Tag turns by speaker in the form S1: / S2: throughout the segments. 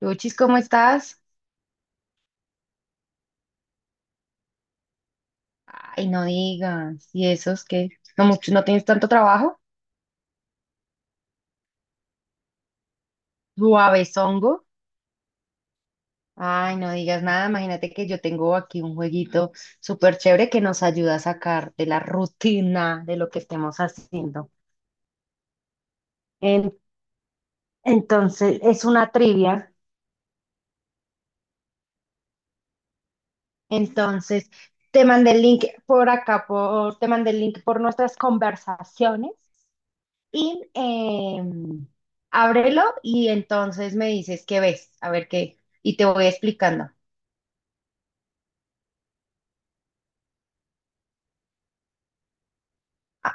S1: Luchis, ¿cómo estás? Ay, no digas. ¿Y esos que no mucho, no tienes tanto trabajo? Suavezongo. Ay, no digas nada. Imagínate que yo tengo aquí un jueguito súper chévere que nos ayuda a sacar de la rutina de lo que estemos haciendo. En- entonces, es una trivia. Entonces, te mandé el link por acá, te mandé el link por nuestras conversaciones. Y ábrelo y entonces me dices qué ves, a ver qué, y te voy explicando. Ah,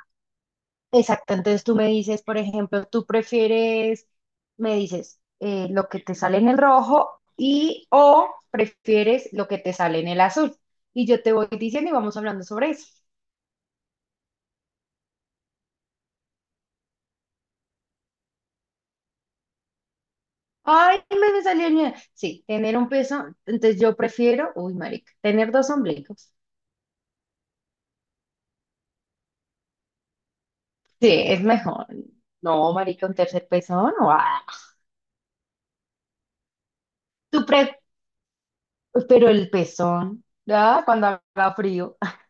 S1: exacto. Entonces tú me dices, por ejemplo, tú prefieres, me dices lo que te sale en el rojo y o prefieres lo que te sale en el azul. Y yo te voy diciendo y vamos hablando sobre eso. Ay, me salió el... Sí, tener un peso, entonces yo prefiero, uy, marica, tener dos ombligos. Sí, es mejor. No, marica, un tercer pezón, no. Ah. ¿Tú, pre- Pero el pezón, ¿verdad? Cuando haga frío.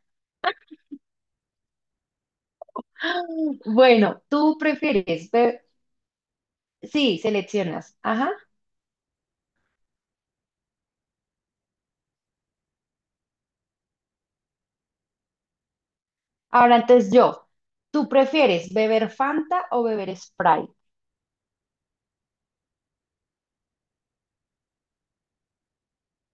S1: Bueno, tú prefieres beber. Sí, seleccionas. Ajá. Ahora entonces yo. ¿Tú prefieres beber Fanta o beber Sprite?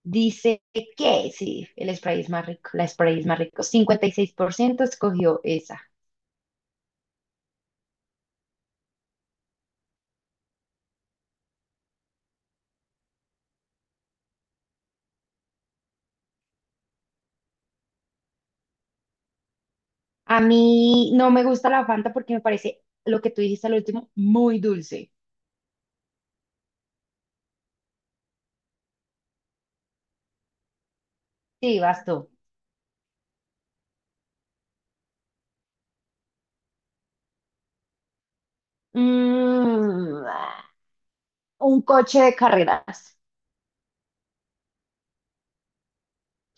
S1: Dice que sí, el Sprite es más rico. La Sprite es más rico. 56% escogió esa. A mí no me gusta la Fanta porque me parece lo que tú dijiste al último, muy dulce. Sí, vas tú. Mm, un coche de carreras.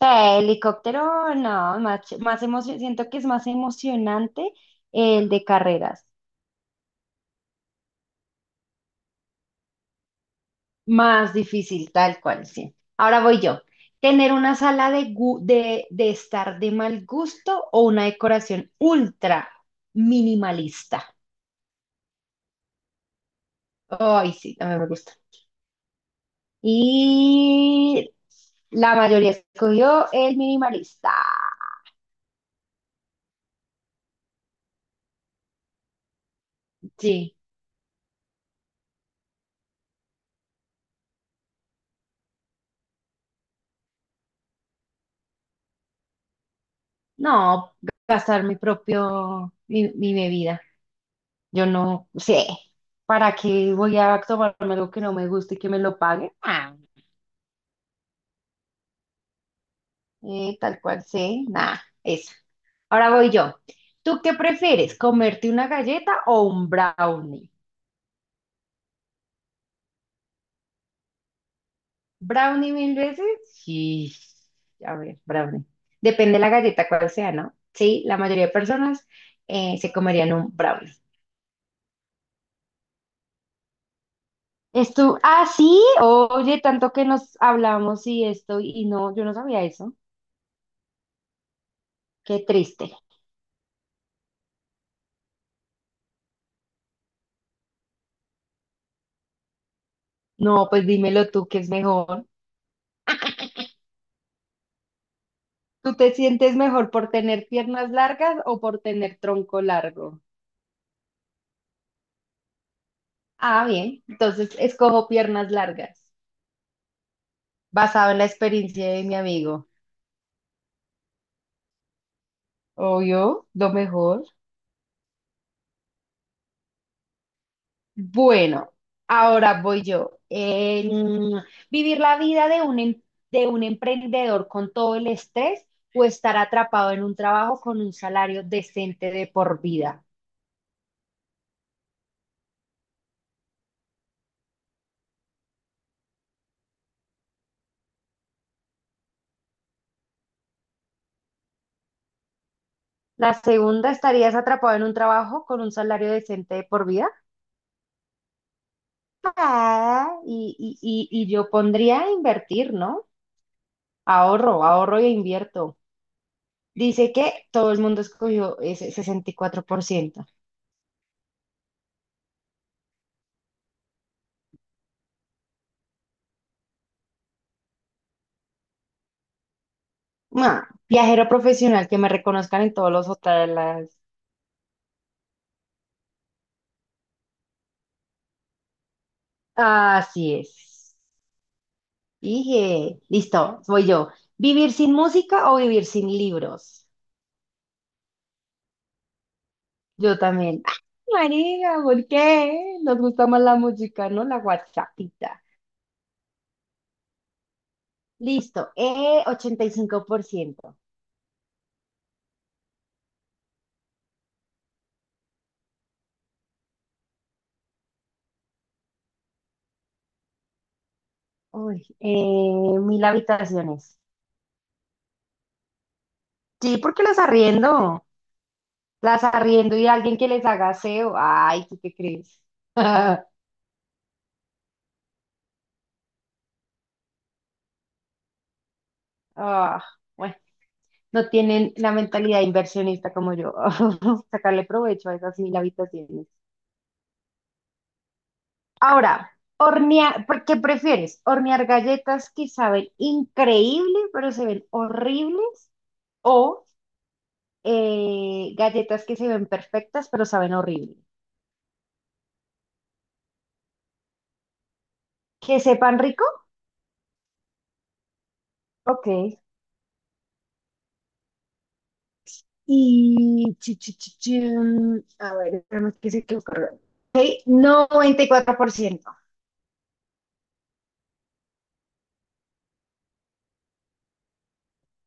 S1: Sea, helicóptero, no, más siento que es más emocionante el de carreras, más difícil, tal cual, sí. Ahora voy yo. ¿Tener una sala de estar de mal gusto o una decoración ultra minimalista? Ay, sí, también me gusta. Y la mayoría escogió el minimalista. Sí, no, gastar mi propio, mi bebida. Yo no sé, ¿para qué voy a tomarme algo que no me guste y que me lo pague? Ah, tal cual sí nada, eso. Ahora voy yo. ¿Tú qué prefieres, comerte una galleta o un brownie? ¿Brownie mil veces? Sí, a ver, brownie. Depende de la galleta cuál sea, ¿no? Sí, la mayoría de personas se comerían un brownie. ¿Es tú? Ah, sí, oye, tanto que nos hablamos y esto, y no, yo no sabía eso. Qué triste. No, pues dímelo tú, ¿qué es mejor? ¿Tú te sientes mejor por tener piernas largas o por tener tronco largo? Ah, bien, entonces escojo piernas largas, basado en la experiencia de mi amigo. Obvio, lo mejor. Bueno, ahora voy yo. ¿Vivir la vida de un, de un emprendedor con todo el estrés o estar atrapado en un trabajo con un salario decente de por vida? La segunda, estarías atrapado en un trabajo con un salario decente de por vida. Ah, y yo pondría a invertir, ¿no? Ahorro, ahorro e invierto. Dice que todo el mundo escogió ese 64%. Ah, viajero profesional, que me reconozcan en todos los hoteles. Así es. Dije, listo, voy yo. ¿Vivir sin música o vivir sin libros? Yo también. ¡Ah, María, ¿por qué? Nos gusta más la música, ¿no? La WhatsAppita. Listo. 85%. Uy, mil habitaciones. Sí, porque las arriendo. Las arriendo y alguien que les haga aseo. Ay, ¿tú qué crees? Ah, bueno, no tienen la mentalidad inversionista como yo. Sacarle provecho a esas mil habitaciones. Ahora, hornear, ¿por ¿qué prefieres? ¿Hornear galletas que saben increíble, pero se ven horribles? ¿O galletas que se ven perfectas, pero saben horrible? ¿Que sepan rico? Ok. Y... chin. A ver, nada que se quedó cargado. Ok, 94%.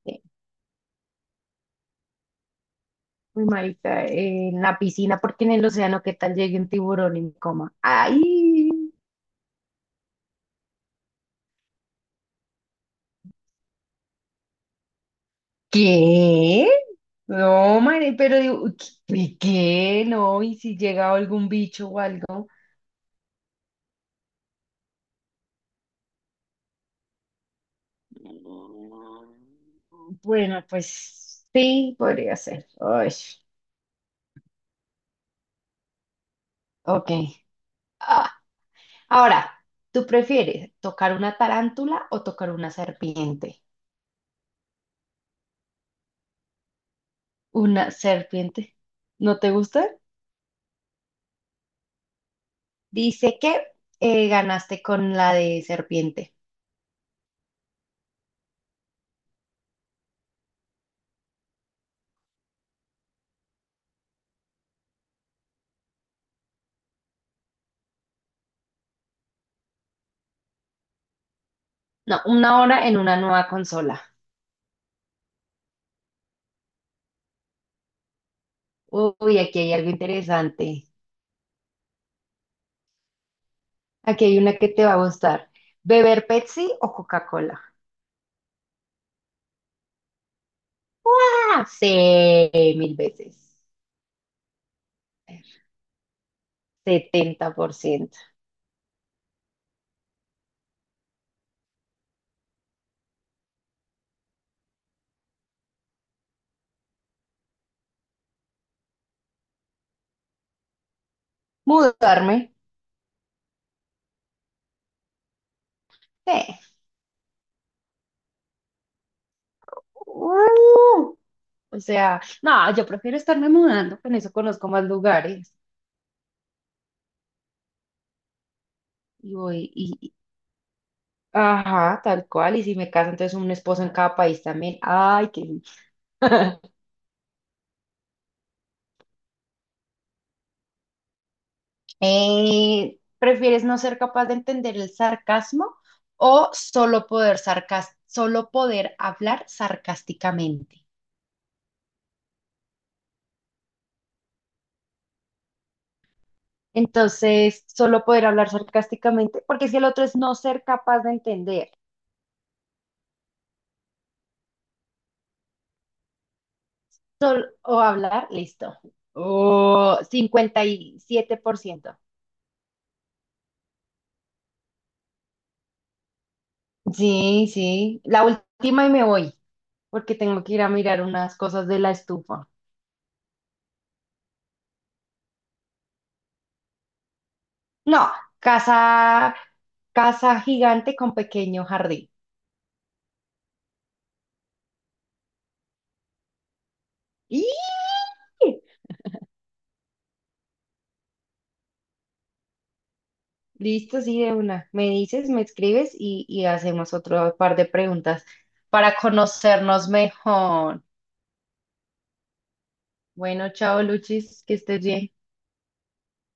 S1: Sí, muy marica, en la piscina, porque en el océano, ¿qué tal llegue un tiburón y me coma? ¡Ay! ¿Qué? No, madre, pero digo, ¿qué? ¿Qué? No, y si llega algún bicho o algo. Mm, bueno, pues sí, podría ser. Ay, ok. Ah, ahora, ¿tú prefieres tocar una tarántula o tocar una serpiente? Una serpiente. ¿No te gusta? Dice que ganaste con la de serpiente. No, una hora en una nueva consola. Uy, aquí hay algo interesante. Aquí hay una que te va a gustar. ¿Beber Pepsi o Coca-Cola? ¡Ah! Sí, mil veces. A ver, 70%. ¿Mudarme? Sí. Uh, o sea, no, yo prefiero estarme mudando, con eso conozco más lugares. Y voy, ajá, tal cual. Y si me caso, entonces un esposo en cada país también. Ay, qué... ¿prefieres no ser capaz de entender el sarcasmo o solo poder hablar sarcásticamente? Entonces, solo poder hablar sarcásticamente, porque si el otro es no ser capaz de entender o hablar, listo. O 57%. Sí, sí. La última y me voy, porque tengo que ir a mirar unas cosas de la estufa. No, casa, casa gigante con pequeño jardín. Y listo, sí, de una. Me dices, me escribes y hacemos otro par de preguntas para conocernos mejor. Bueno, chao, Luchis, que estés bien.